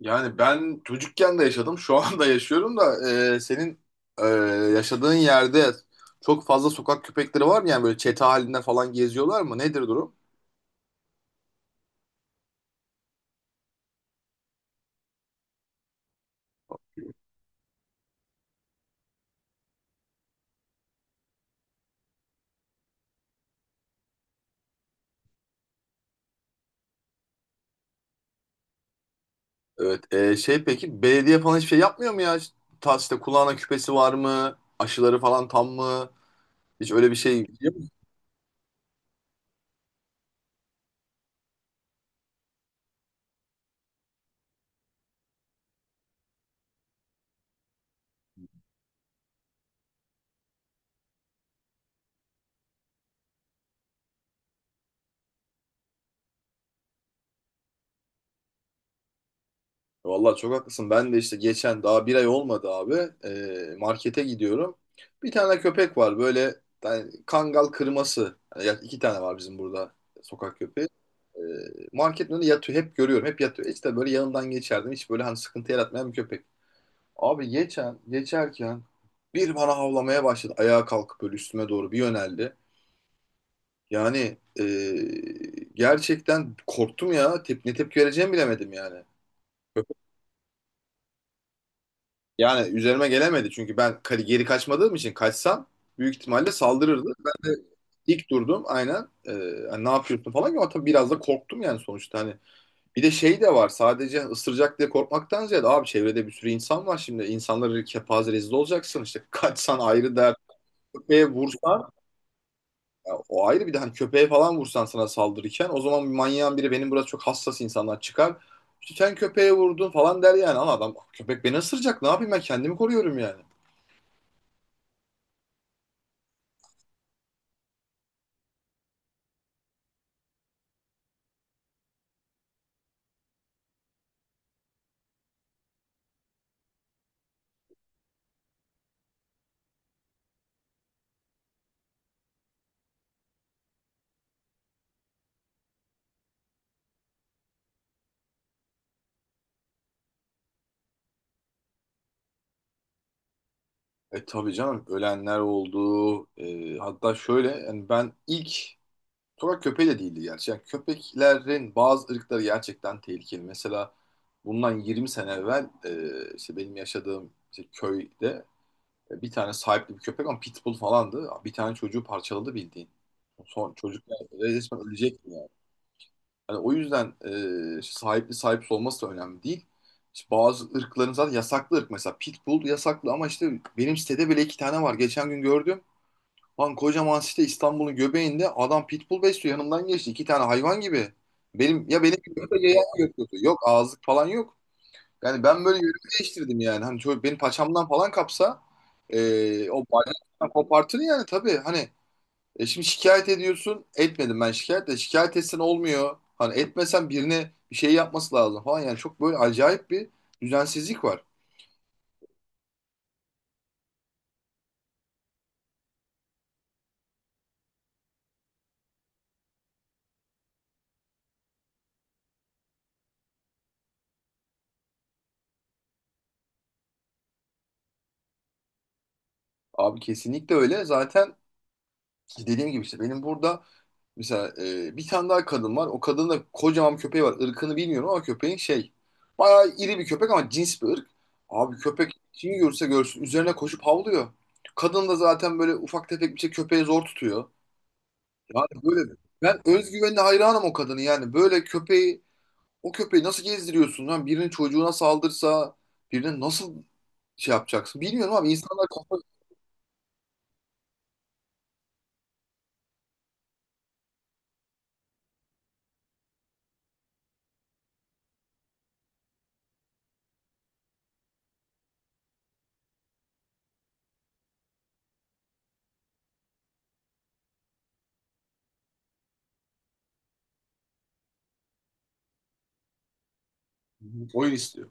Yani ben çocukken de yaşadım, şu anda yaşıyorum da senin e, yaşadığın yerde çok fazla sokak köpekleri var mı? Yani böyle çete halinde falan geziyorlar mı? Nedir durum? Evet, şey peki belediye falan hiçbir şey yapmıyor mu ya? Ta işte kulağına küpesi var mı? Aşıları falan tam mı? Hiç öyle bir şey biliyor musun? Vallahi çok haklısın. Ben de işte geçen daha bir ay olmadı abi. Markete gidiyorum. Bir tane köpek var böyle yani kangal kırması. Yani iki tane var bizim burada sokak köpeği. E, Marketin önünde yatıyor. Hep görüyorum. Hep yatıyor. İşte böyle yanından geçerdim. Hiç böyle hani sıkıntı yaratmayan bir köpek. Abi geçen, geçerken bir bana havlamaya başladı. Ayağa kalkıp böyle üstüme doğru bir yöneldi. Yani gerçekten korktum ya. Ne tepki vereceğimi bilemedim yani. Köpek- Yani üzerime gelemedi çünkü ben geri kaçmadığım için, kaçsam büyük ihtimalle saldırırdı. Ben de dik durdum aynen. Hani ne yapıyorsun falan, ama tabii biraz da korktum yani, sonuçta hani bir de şey de var: sadece ısıracak diye korkmaktan ziyade abi, çevrede bir sürü insan var şimdi, insanları kepaze rezil olacaksın, işte kaçsan ayrı dert, köpeğe vursan ya o ayrı. Bir de hani köpeğe falan vursan sana saldırırken, o zaman bir manyağın biri, benim burası çok hassas, insanlar çıkar işte, sen köpeğe vurdun falan der yani. Ama adam, köpek beni ısıracak, ne yapayım, ben kendimi koruyorum yani. E tabii canım, ölenler oldu. Hatta şöyle, yani ben ilk sokak köpeği de değildi gerçi. Yani köpeklerin bazı ırkları gerçekten tehlikeli. Mesela bundan 20 sene evvel işte benim yaşadığım işte köyde, bir tane sahipli bir köpek ama pitbull falandı. Bir tane çocuğu parçaladı bildiğin. Son çocuk yani resmen ölecek. Yani. Hani o yüzden işte sahipli sahipsiz olması da önemli değil. İşte bazı ırkların, zaten yasaklı ırk mesela pitbull yasaklı, ama işte benim sitede bile iki tane var. Geçen gün gördüm. Lan kocaman site, İstanbul'un göbeğinde, adam pitbull besliyor. Yanımdan geçti. İki tane hayvan gibi. Benim ya benim gibi, yoksa yayan götürdü. Yok ağızlık falan yok. Yani ben böyle yönümü değiştirdim yani. Hani çocuk beni paçamdan falan kapsa, o bacaktan kopartır yani tabii. Hani şimdi şikayet ediyorsun. Etmedim ben şikayet de. Şikayet etsen olmuyor. Hani etmesen, birine bir şey yapması lazım falan. Yani çok böyle acayip bir düzensizlik var. Abi kesinlikle öyle. Zaten dediğim gibi işte benim burada mesela bir tane daha kadın var. O kadının da kocaman bir köpeği var. Irkını bilmiyorum ama köpeğin şey. Bayağı iri bir köpek, ama cins bir ırk. Abi köpek kimi görse, görsün üzerine koşup havlıyor. Kadın da zaten böyle ufak tefek bir şey, köpeği zor tutuyor. Yani böyle ben özgüvenine hayranım o kadını yani. Böyle köpeği, o köpeği nasıl gezdiriyorsun lan? Birinin çocuğuna saldırsa, birine nasıl şey yapacaksın? Bilmiyorum abi, insanlar kafa. Oyun istiyor.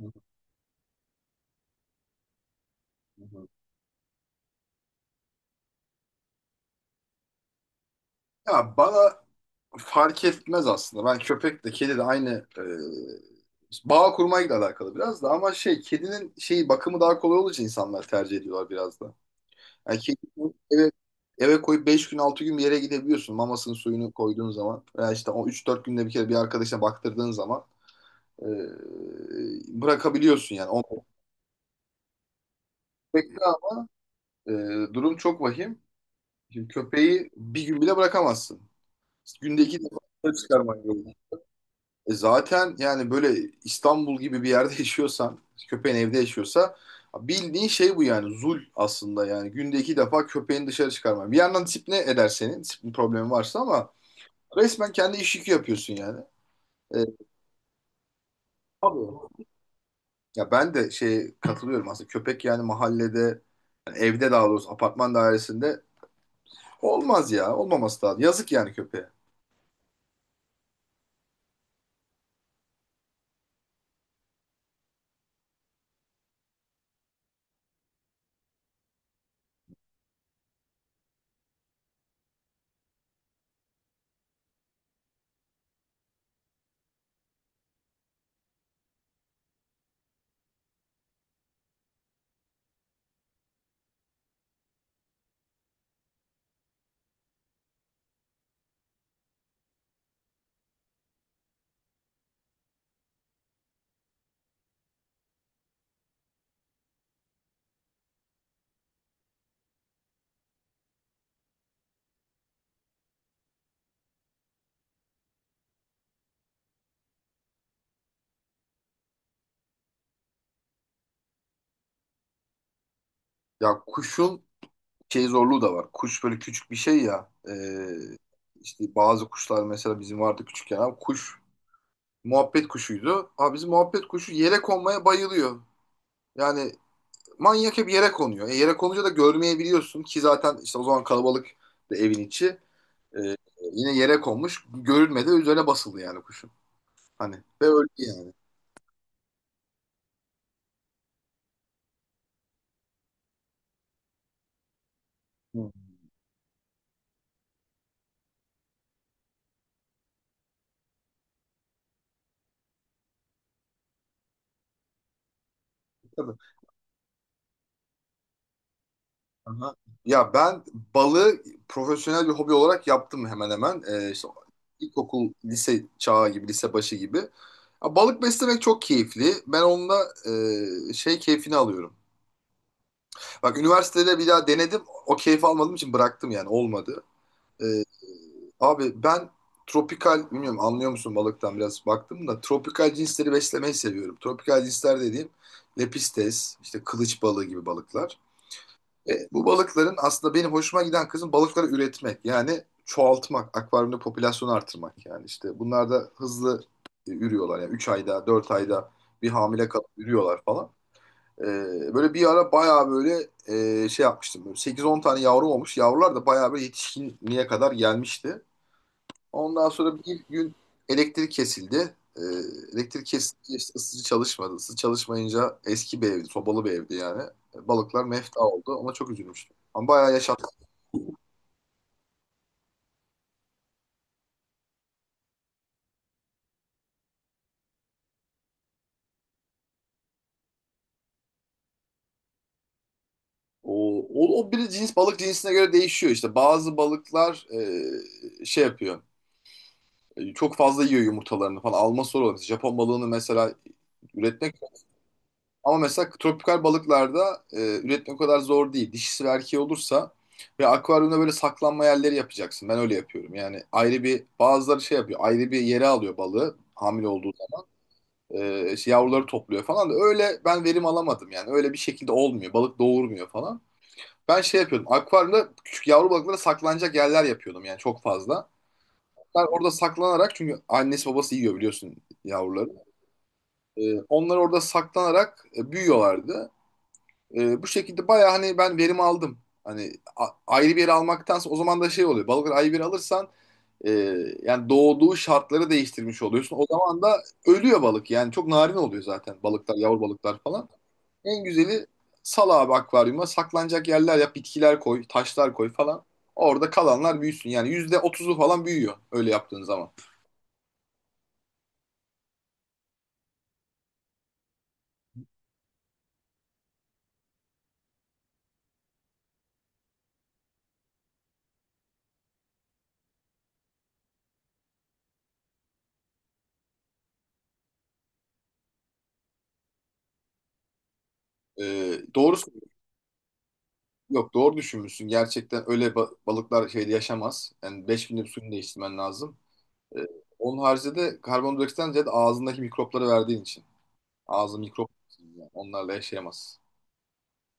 Hı hı. Ya bana fark etmez aslında. Ben köpek de kedi de aynı, e, bağ kurmayla alakalı biraz da. Ama şey, kedinin şeyi, bakımı daha kolay olduğu insanlar tercih ediyorlar biraz da. Yani kedi eve, eve koyup 5 gün 6 gün bir yere gidebiliyorsun, mamasının suyunu koyduğun zaman veya işte o üç dört günde bir kere bir arkadaşına baktırdığın zaman e, bırakabiliyorsun yani. Köpekte ama, durum çok vahim. Şimdi köpeği bir gün bile bırakamazsın. Günde iki defa dışarı çıkarman gerekiyor. E zaten yani böyle İstanbul gibi bir yerde yaşıyorsan, köpeğin evde yaşıyorsa bildiğin şey bu yani, zul aslında yani. Günde iki defa köpeğini dışarı çıkarman. Bir yandan disipline eder senin, disiplin problemi varsa, ama resmen kendi iş yükü yapıyorsun yani. E, tabii. Ya ben de şey katılıyorum aslında. Köpek yani mahallede, yani evde daha doğrusu, apartman dairesinde olmaz ya. Olmaması lazım. Yazık yani köpeğe. Ya kuşun şey zorluğu da var. Kuş böyle küçük bir şey ya. İşte bazı kuşlar, mesela bizim vardı küçükken. Abi kuş muhabbet kuşuydu. Abi bizim muhabbet kuşu yere konmaya bayılıyor. Yani manyak, hep yere konuyor. E, yere konunca da görmeyebiliyorsun ki, zaten işte o zaman kalabalık da evin içi. Ee, Yine yere konmuş. Görülmedi. Üzerine basıldı yani kuşun. Hani ve öldü yani. Hı. Aha. Ya ben balığı profesyonel bir hobi olarak yaptım hemen hemen. İşte ilkokul, lise çağı gibi, lise başı gibi. Ya balık beslemek çok keyifli. Ben onunla şey keyfini alıyorum. Bak üniversitede bir daha denedim. O keyfi almadığım için bıraktım yani, olmadı. Ee, Abi ben tropikal, bilmiyorum anlıyor musun balıktan biraz, baktım da tropikal cinsleri beslemeyi seviyorum. Tropikal cinsler dediğim lepistes, işte kılıç balığı gibi balıklar. Bu balıkların aslında benim hoşuma giden kısım, balıkları üretmek. Yani çoğaltmak, akvaryumda popülasyonu artırmak yani işte. Bunlar da hızlı ürüyorlar yani, 3 ayda, 4 ayda bir hamile kalıp ürüyorlar falan. E, Böyle bir ara bayağı böyle şey yapmıştım. Böyle 8-10 tane yavru olmuş. Yavrular da bayağı böyle yetişkinliğe kadar gelmişti. Ondan sonra ilk gün elektrik kesildi. Elektrik kesildi, işte ısıtıcı çalışmadı. Isıtıcı çalışmayınca, eski bir evdi, sobalı bir evdi yani. Balıklar mefta oldu. Ona çok üzülmüştüm. Ama bayağı yaşattı. O bir cins, balık cinsine göre değişiyor işte. Bazı balıklar şey yapıyor. Çok fazla yiyor yumurtalarını falan. Alma sorunu. Japon balığını mesela üretmek. Ama mesela tropikal balıklarda üretmek o kadar zor değil. Dişisi ve erkeği olursa ve akvaryumda böyle saklanma yerleri yapacaksın. Ben öyle yapıyorum. Yani ayrı bir, bazıları şey yapıyor. Ayrı bir yere alıyor balığı hamile olduğu zaman. İşte yavruları topluyor falan da, öyle ben verim alamadım yani. Öyle bir şekilde olmuyor. Balık doğurmuyor falan. Ben şey yapıyordum. Akvaryumda küçük yavru balıklara saklanacak yerler yapıyordum, yani çok fazla. Onlar orada saklanarak, çünkü annesi babası yiyor biliyorsun yavruları. E, onlar orada saklanarak büyüyorlardı. Bu şekilde bayağı hani ben verim aldım. Hani ayrı bir yere almaktansa, o zaman da şey oluyor. Balıkları ayrı bir yere alırsan, e, yani doğduğu şartları değiştirmiş oluyorsun. O zaman da ölüyor balık. Yani çok narin oluyor zaten balıklar, yavru balıklar falan. En güzeli, sal abi akvaryuma saklanacak yerler yap, bitkiler koy, taşlar koy falan. Orada kalanlar büyüsün. Yani %30'u falan büyüyor öyle yaptığın zaman. E, doğru, yok doğru düşünmüşsün. Gerçekten öyle, balıklar şeyde yaşamaz. Yani 5000 suyunu değiştirmen lazım. Ee, Onun haricinde de karbondioksitten ziyade ağzındaki mikropları verdiğin için. Ağzı mikrop, yani onlarla yaşayamaz.